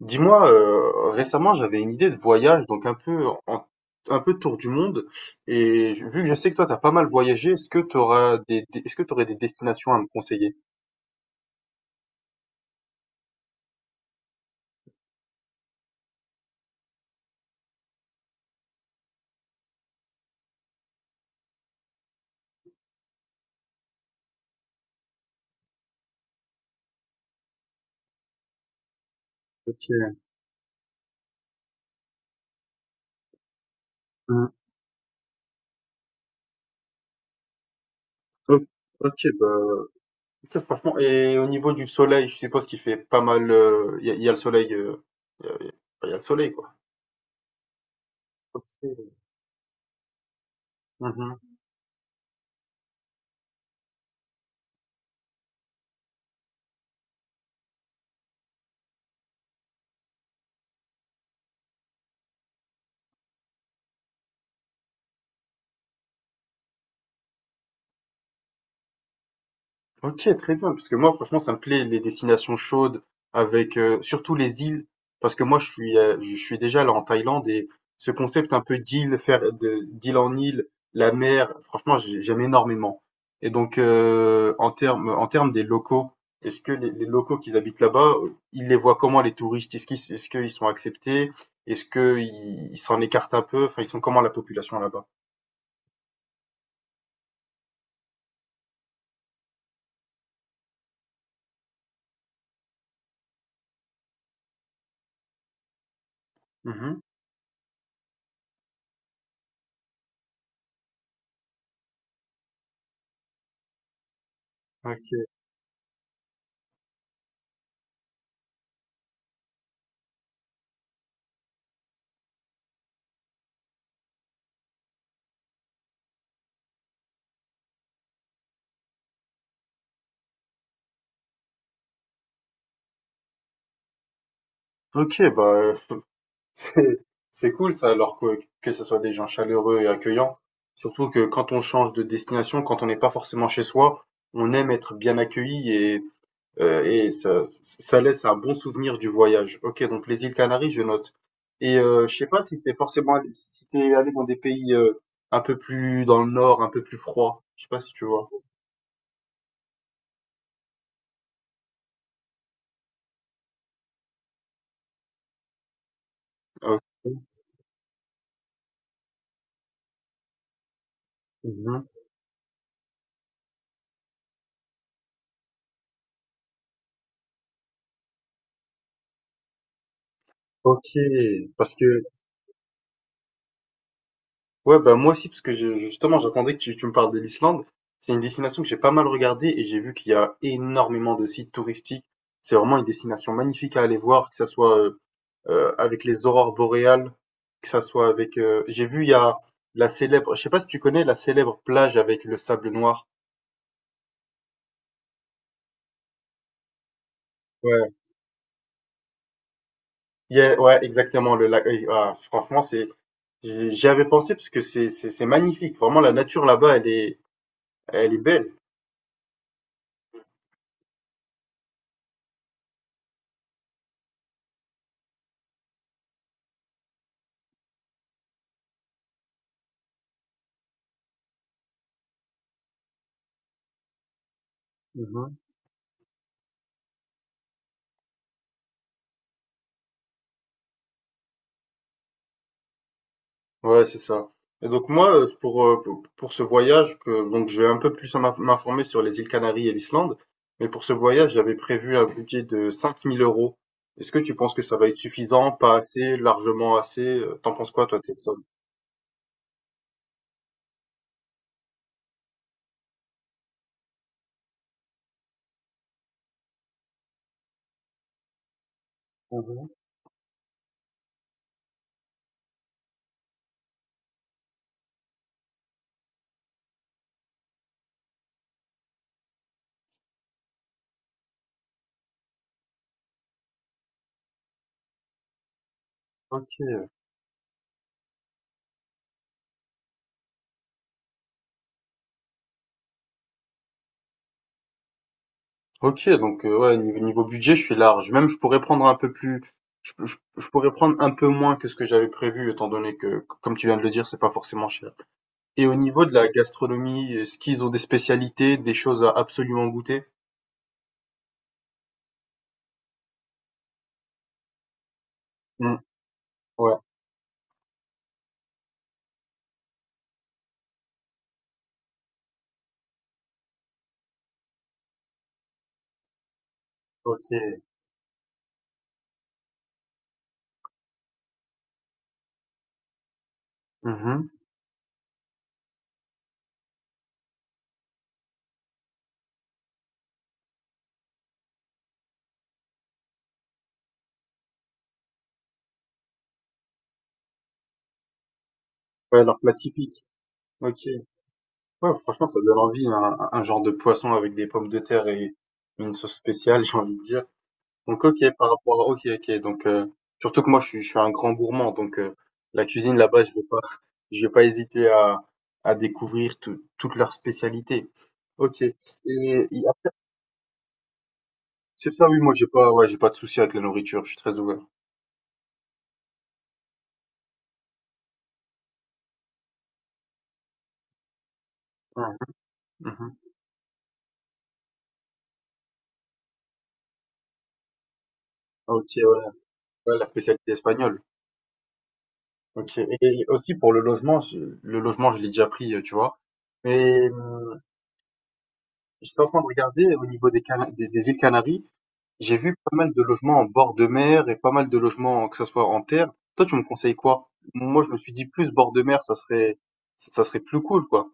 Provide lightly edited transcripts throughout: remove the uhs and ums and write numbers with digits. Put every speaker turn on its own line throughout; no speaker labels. Dis-moi, récemment, j'avais une idée de voyage, donc un peu en un peu tour du monde et je vu que je sais que toi, t'as pas mal voyagé, est-ce que tu auras des est-ce que tu aurais des destinations à me conseiller? OK. Mmh. O OK, OK, franchement et au niveau du soleil, je suppose qu'il fait pas mal, il y a y a le soleil, il y a y a le soleil, quoi. OK. Mmh. Ok, très bien, parce que moi, franchement, ça me plaît les destinations chaudes, avec surtout les îles, parce que moi, je suis déjà là en Thaïlande et ce concept un peu d'île, faire de d'île en île, la mer, franchement, j'aime énormément. Et donc, en termes des locaux, est-ce que les locaux qui habitent là-bas, ils les voient comment les touristes? Est-ce qu'ils sont acceptés? Est-ce qu'ils s'en écartent un peu? Enfin, ils sont comment la population là-bas? Mhm. Ok. Ok, bah, c'est cool ça, alors que ce soit des gens chaleureux et accueillants. Surtout que quand on change de destination, quand on n'est pas forcément chez soi, on aime être bien accueilli et ça laisse un bon souvenir du voyage. Ok, donc les îles Canaries, je note. Et je sais pas si t'es forcément allé, si t'es allé dans des pays un peu plus dans le nord, un peu plus froid. Je sais pas si tu vois. Ok. Mhm. Ok, parce que ouais, bah moi aussi, parce que justement, j'attendais que tu me parles de l'Islande. C'est une destination que j'ai pas mal regardée et j'ai vu qu'il y a énormément de sites touristiques. C'est vraiment une destination magnifique à aller voir, que ça soit avec les aurores boréales, que ça soit avec j'ai vu, il y a la Je sais pas si tu connais la célèbre plage avec le sable noir. Ouais. Ouais, exactement. Le lac, ah, franchement, J'y avais pensé parce que c'est magnifique. Vraiment, la nature là-bas, elle est belle. Mhm. Ouais, c'est ça. Et donc moi, pour ce voyage, donc je vais un peu plus m'informer sur les îles Canaries et l'Islande, mais pour ce voyage, j'avais prévu un budget de 5000 euros. Est-ce que tu penses que ça va être suffisant, pas assez, largement assez? T'en penses quoi, toi, de cette somme? Mhm. Ok. Ok, donc ouais, niveau budget, je suis large. Même, je pourrais prendre un peu plus, je pourrais prendre un peu moins que ce que j'avais prévu, étant donné que, comme tu viens de le dire, c'est pas forcément cher. Et au niveau de la gastronomie, est-ce qu'ils ont des spécialités, des choses à absolument goûter? Mmh. Ouais, OK. Mmh. Ouais, leur plat typique. OK. Ouais, franchement, ça donne envie, hein, un genre de poisson avec des pommes de terre et une sauce spéciale, j'ai envie de dire. Donc OK, par rapport à OK, donc surtout que moi, je suis un grand gourmand, donc la cuisine là-bas, je vais pas je vais pas hésiter à découvrir toutes leurs spécialités. OK et et ah, c'est ça, oui, moi, j'ai pas ouais, j'ai pas de souci avec la nourriture, je suis très ouvert. Mmh. Mmh mh. OK, ouais, la spécialité espagnole. OK et aussi pour le logement, je l'ai déjà pris, tu vois? Mais, mmh, j'étais en train de regarder au niveau des Cana des îles Canaries, j'ai vu pas mal de logements en bord de mer et pas mal de logements, que ce soit en terre. Toi, tu me conseilles quoi? Moi, je me suis dit plus bord de mer, ça serait plus cool, quoi.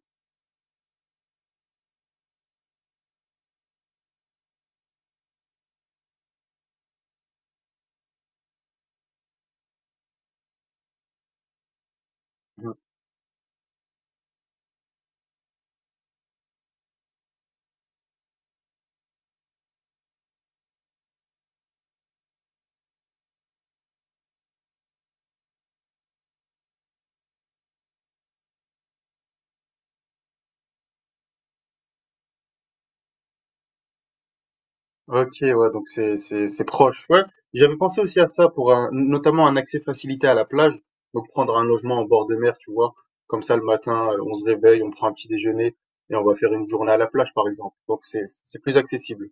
Ok, ouais, donc c'est c'est proche. Ouais, j'avais pensé aussi à ça pour notamment un accès facilité à la plage, donc prendre un logement en bord de mer, tu vois, comme ça le matin, on se réveille, on prend un petit déjeuner et on va faire une journée à la plage, par exemple. Donc c'est plus accessible.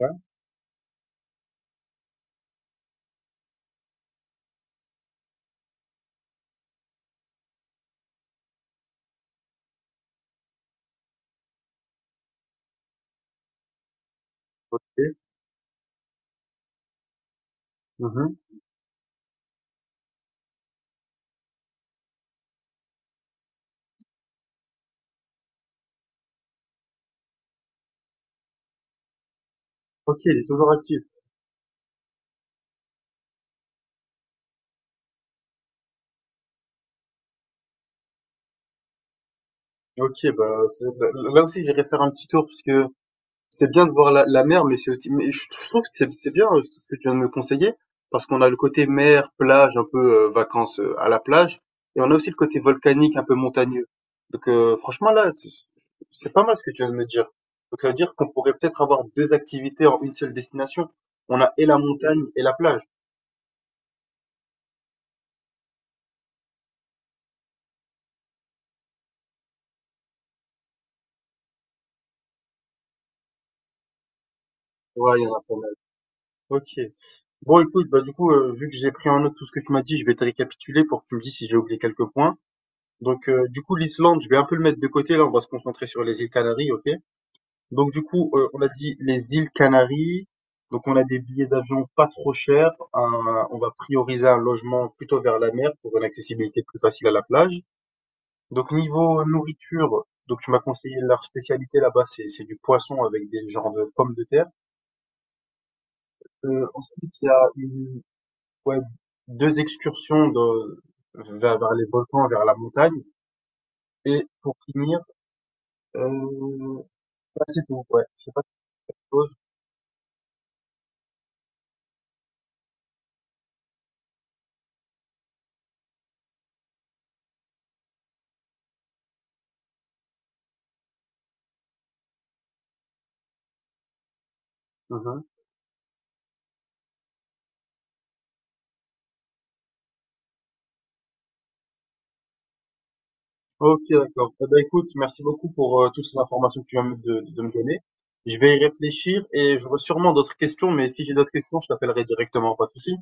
Ouais. Ok. Mhm. Ok, il est toujours actif. Ok, bah, là aussi j'irai faire un petit tour parce que c'est bien de voir la mer, mais c'est aussi mais je trouve que c'est bien, ce que tu viens de me conseiller, parce qu'on a le côté mer, plage, un peu, vacances, à la plage et on a aussi le côté volcanique, un peu montagneux. Donc franchement là, c'est pas mal ce que tu viens de me dire. Donc ça veut dire qu'on pourrait peut-être avoir 2 activités en une seule destination. On a et la montagne et la plage. Ouais, il y en a pas mal. OK. Bon écoute, bah, du coup, vu que j'ai pris en note tout ce que tu m'as dit, je vais te récapituler pour que tu me dises si j'ai oublié quelques points. Donc, du coup, l'Islande, je vais un peu le mettre de côté. Là, on va se concentrer sur les îles Canaries, ok? Donc, du coup, on a dit les îles Canaries. Donc, on a des billets d'avion pas trop chers. On va prioriser un logement plutôt vers la mer pour une accessibilité plus facile à la plage. Donc, niveau nourriture, donc tu m'as conseillé leur spécialité là-bas, c'est du poisson avec des genres de pommes de terre. Ensuite, il y a une, ouais, deux excursions vers, vers les volcans, vers la montagne. Et pour finir, euh, ouais, c'est tout, ouais. Je sais pas quelque chose. Mhm. Ok, d'accord. Eh ben, écoute, merci beaucoup pour toutes ces informations que tu viens de me donner. Je vais y réfléchir et j'aurai sûrement d'autres questions, mais si j'ai d'autres questions, je t'appellerai directement, pas de souci.